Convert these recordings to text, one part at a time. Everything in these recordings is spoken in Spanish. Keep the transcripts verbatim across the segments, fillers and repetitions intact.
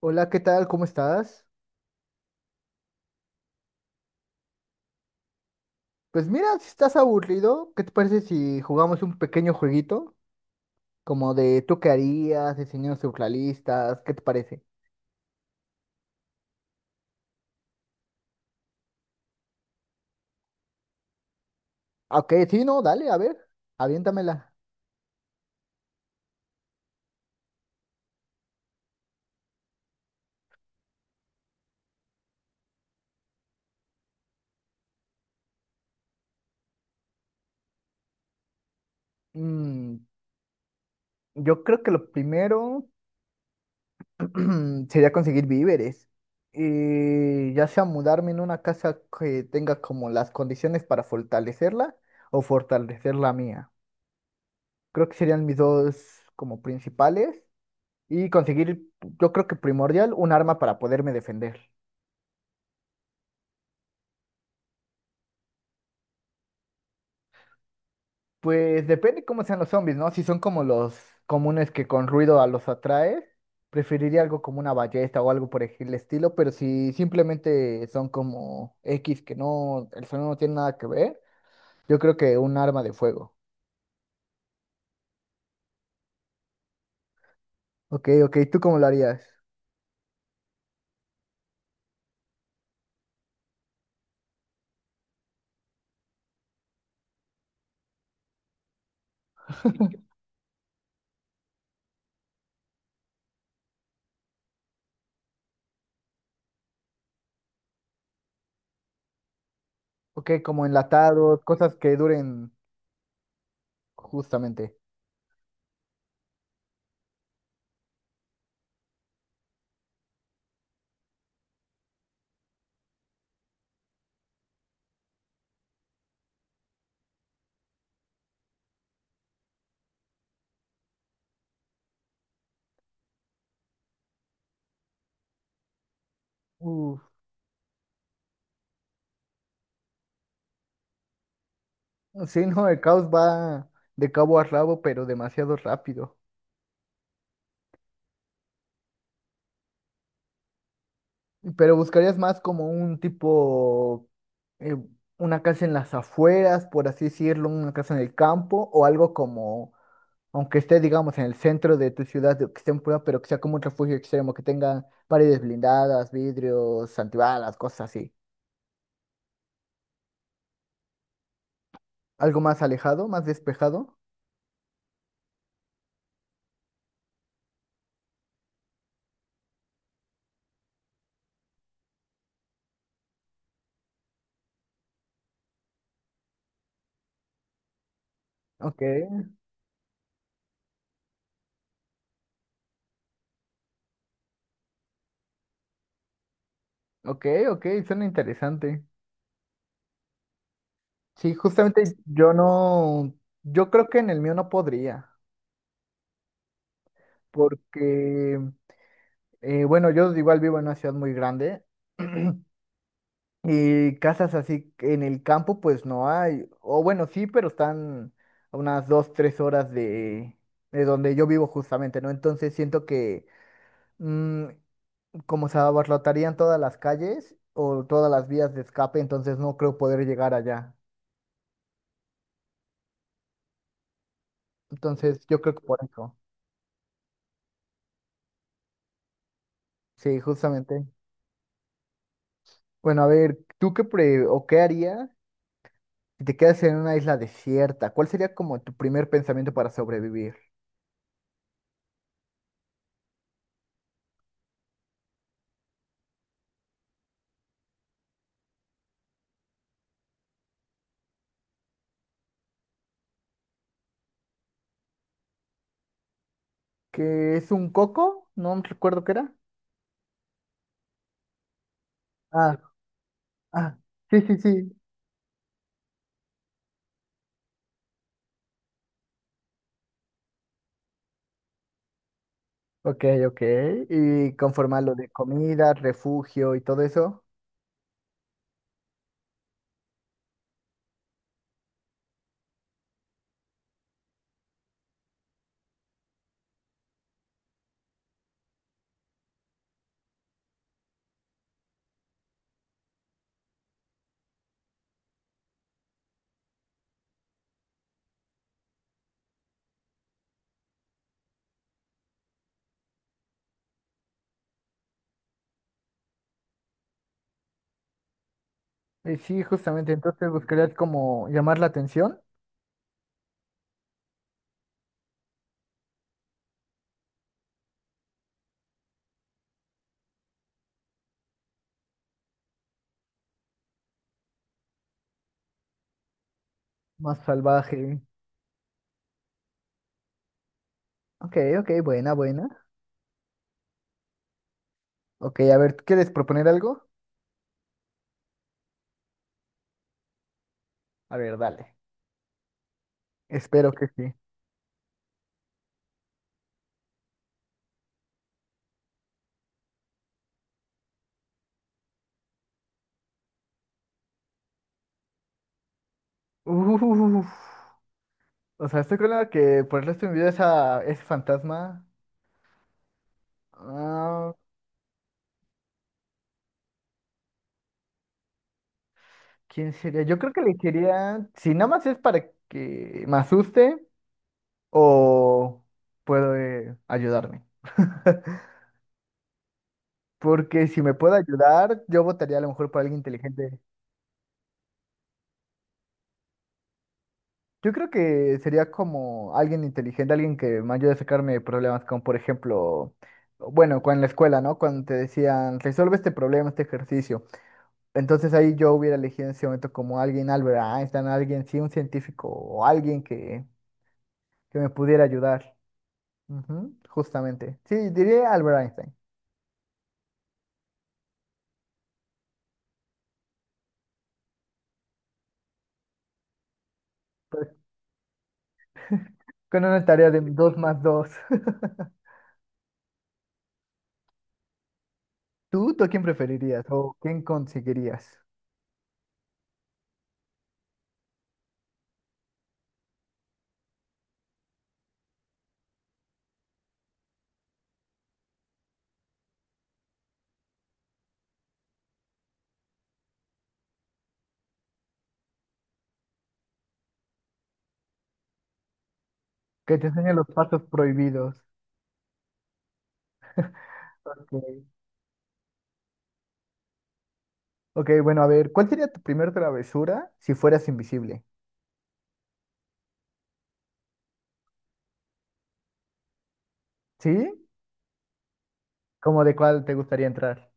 Hola, ¿qué tal? ¿Cómo estás? Pues mira, si estás aburrido, ¿qué te parece si jugamos un pequeño jueguito? Como de tú qué harías, diseños surrealistas, ¿qué te parece? Ah, ok, sí, no, dale, a ver, aviéntamela. Mm, yo creo que lo primero sería conseguir víveres. Y ya sea mudarme en una casa que tenga como las condiciones para fortalecerla o fortalecer la mía. Creo que serían mis dos como principales. Y conseguir, yo creo que primordial, un arma para poderme defender. Pues depende cómo sean los zombies, ¿no? Si son como los comunes que con ruido a los atraes, preferiría algo como una ballesta o algo por el estilo, pero si simplemente son como X que no, el sonido no tiene nada que ver, yo creo que un arma de fuego. Ok, ok, ¿tú cómo lo harías? Ok, como enlatados, cosas que duren justamente. Uf, sí, no, el caos va de cabo a rabo, pero demasiado rápido. Pero buscarías más como un tipo, eh, una casa en las afueras, por así decirlo, una casa en el campo, o algo como, aunque esté, digamos, en el centro de tu ciudad, de- que esté en prueba, pero que sea como un refugio extremo, que tenga paredes blindadas, vidrios, antibalas, cosas así. Algo más alejado, más despejado. Ok, ok, ok, suena interesante. Sí, justamente yo no, yo creo que en el mío no podría, porque Eh, bueno, yo igual vivo en una ciudad muy grande y casas así en el campo pues no hay, o bueno, sí, pero están a unas dos, tres horas de, de donde yo vivo justamente, ¿no? Entonces siento que mm, como se abarrotarían todas las calles o todas las vías de escape, entonces no creo poder llegar allá. Entonces yo creo que por eso, sí, justamente. Bueno, a ver, ¿tú qué pre o qué harías si te quedas en una isla desierta? ¿Cuál sería como tu primer pensamiento para sobrevivir? Que es un coco, no recuerdo qué era. Ah, ah, sí, sí, sí. Ok, ok. Y conforme a lo de comida, refugio y todo eso. Y sí, justamente, entonces buscarías como llamar la atención. Más salvaje. Ok, ok, buena, buena. Ok, a ver, ¿quieres proponer algo? A ver, dale. Espero que sí. Uf, o sea, estoy con la que por el resto de mi vida esa, ese fantasma. ah, ¿Quién sería? Yo creo que le quería. Si nada más es para que me asuste, o puede ayudarme. Porque si me puede ayudar, yo votaría a lo mejor por alguien inteligente. Yo creo que sería como alguien inteligente, alguien que me ayude a sacarme de problemas, como por ejemplo, bueno, cuando en la escuela, ¿no? Cuando te decían, resuelve este problema, este ejercicio. Entonces ahí yo hubiera elegido en ese momento como alguien, Albert Einstein, alguien, sí, un científico o alguien que, que me pudiera ayudar. Ujú, justamente. Sí, diría Albert Einstein. Con una tarea de dos más dos. ¿Tú, tú a quién preferirías o quién conseguirías? Que te enseñe los pasos prohibidos. Ok. Ok, bueno, a ver, ¿cuál sería tu primer travesura si fueras invisible? ¿Sí? ¿Cómo de cuál te gustaría entrar?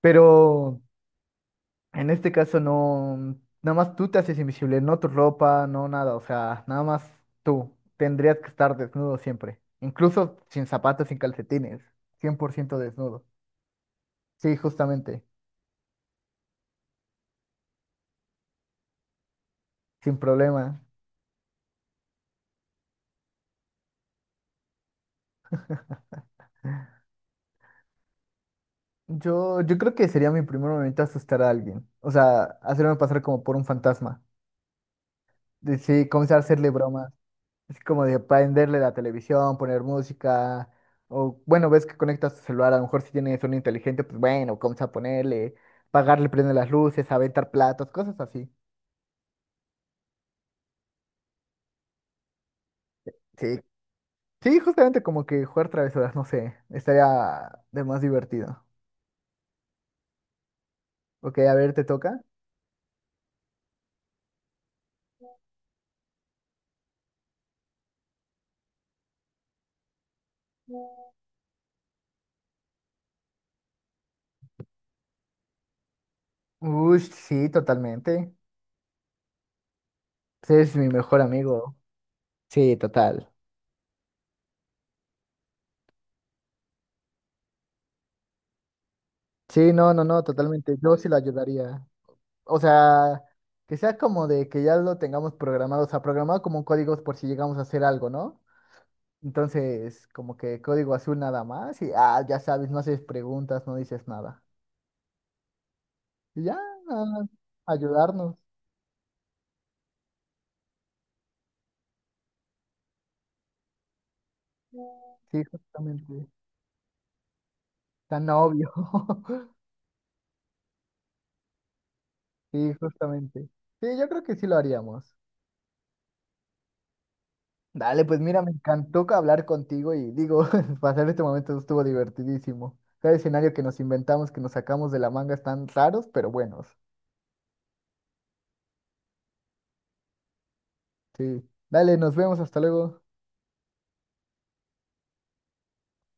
Pero en este caso no, nada más tú te haces invisible, no tu ropa, no nada, o sea, nada más tú. Tendrías que estar desnudo siempre, incluso sin zapatos, sin calcetines, cien por ciento desnudo. Sí, justamente, sin problema. Yo, yo creo que sería mi primer momento asustar a alguien. O sea, hacerme pasar como por un fantasma. De- Sí, comenzar a hacerle bromas. Es como de prenderle la televisión, poner música. O bueno, ves que conectas tu celular. A lo mejor si tienes un inteligente, pues bueno, comienza a ponerle, pagarle, prende las luces, aventar platos, cosas así. Sí. Sí, justamente como que jugar travesuras, no sé. Estaría de más divertido. Ok, a ver, ¿te toca? Uy, sí, totalmente. Pues eres mi mejor amigo. Sí, total. Sí, no, no, no, totalmente. Yo sí lo ayudaría. O sea, que sea como de que ya lo tengamos programado, o sea, programado como códigos por si llegamos a hacer algo, ¿no? Entonces, como que código azul nada más y, ah, ya sabes, no haces preguntas, no dices nada. Y ya, nada más, ayudarnos. Sí, justamente. Tan obvio. Sí, justamente. Sí, yo creo que sí lo haríamos. Dale, pues mira, me encantó que hablar contigo y digo, pasar este momento estuvo divertidísimo. Cada escenario que nos inventamos, que nos sacamos de la manga están raros, pero buenos. Sí. Dale, nos vemos, hasta luego.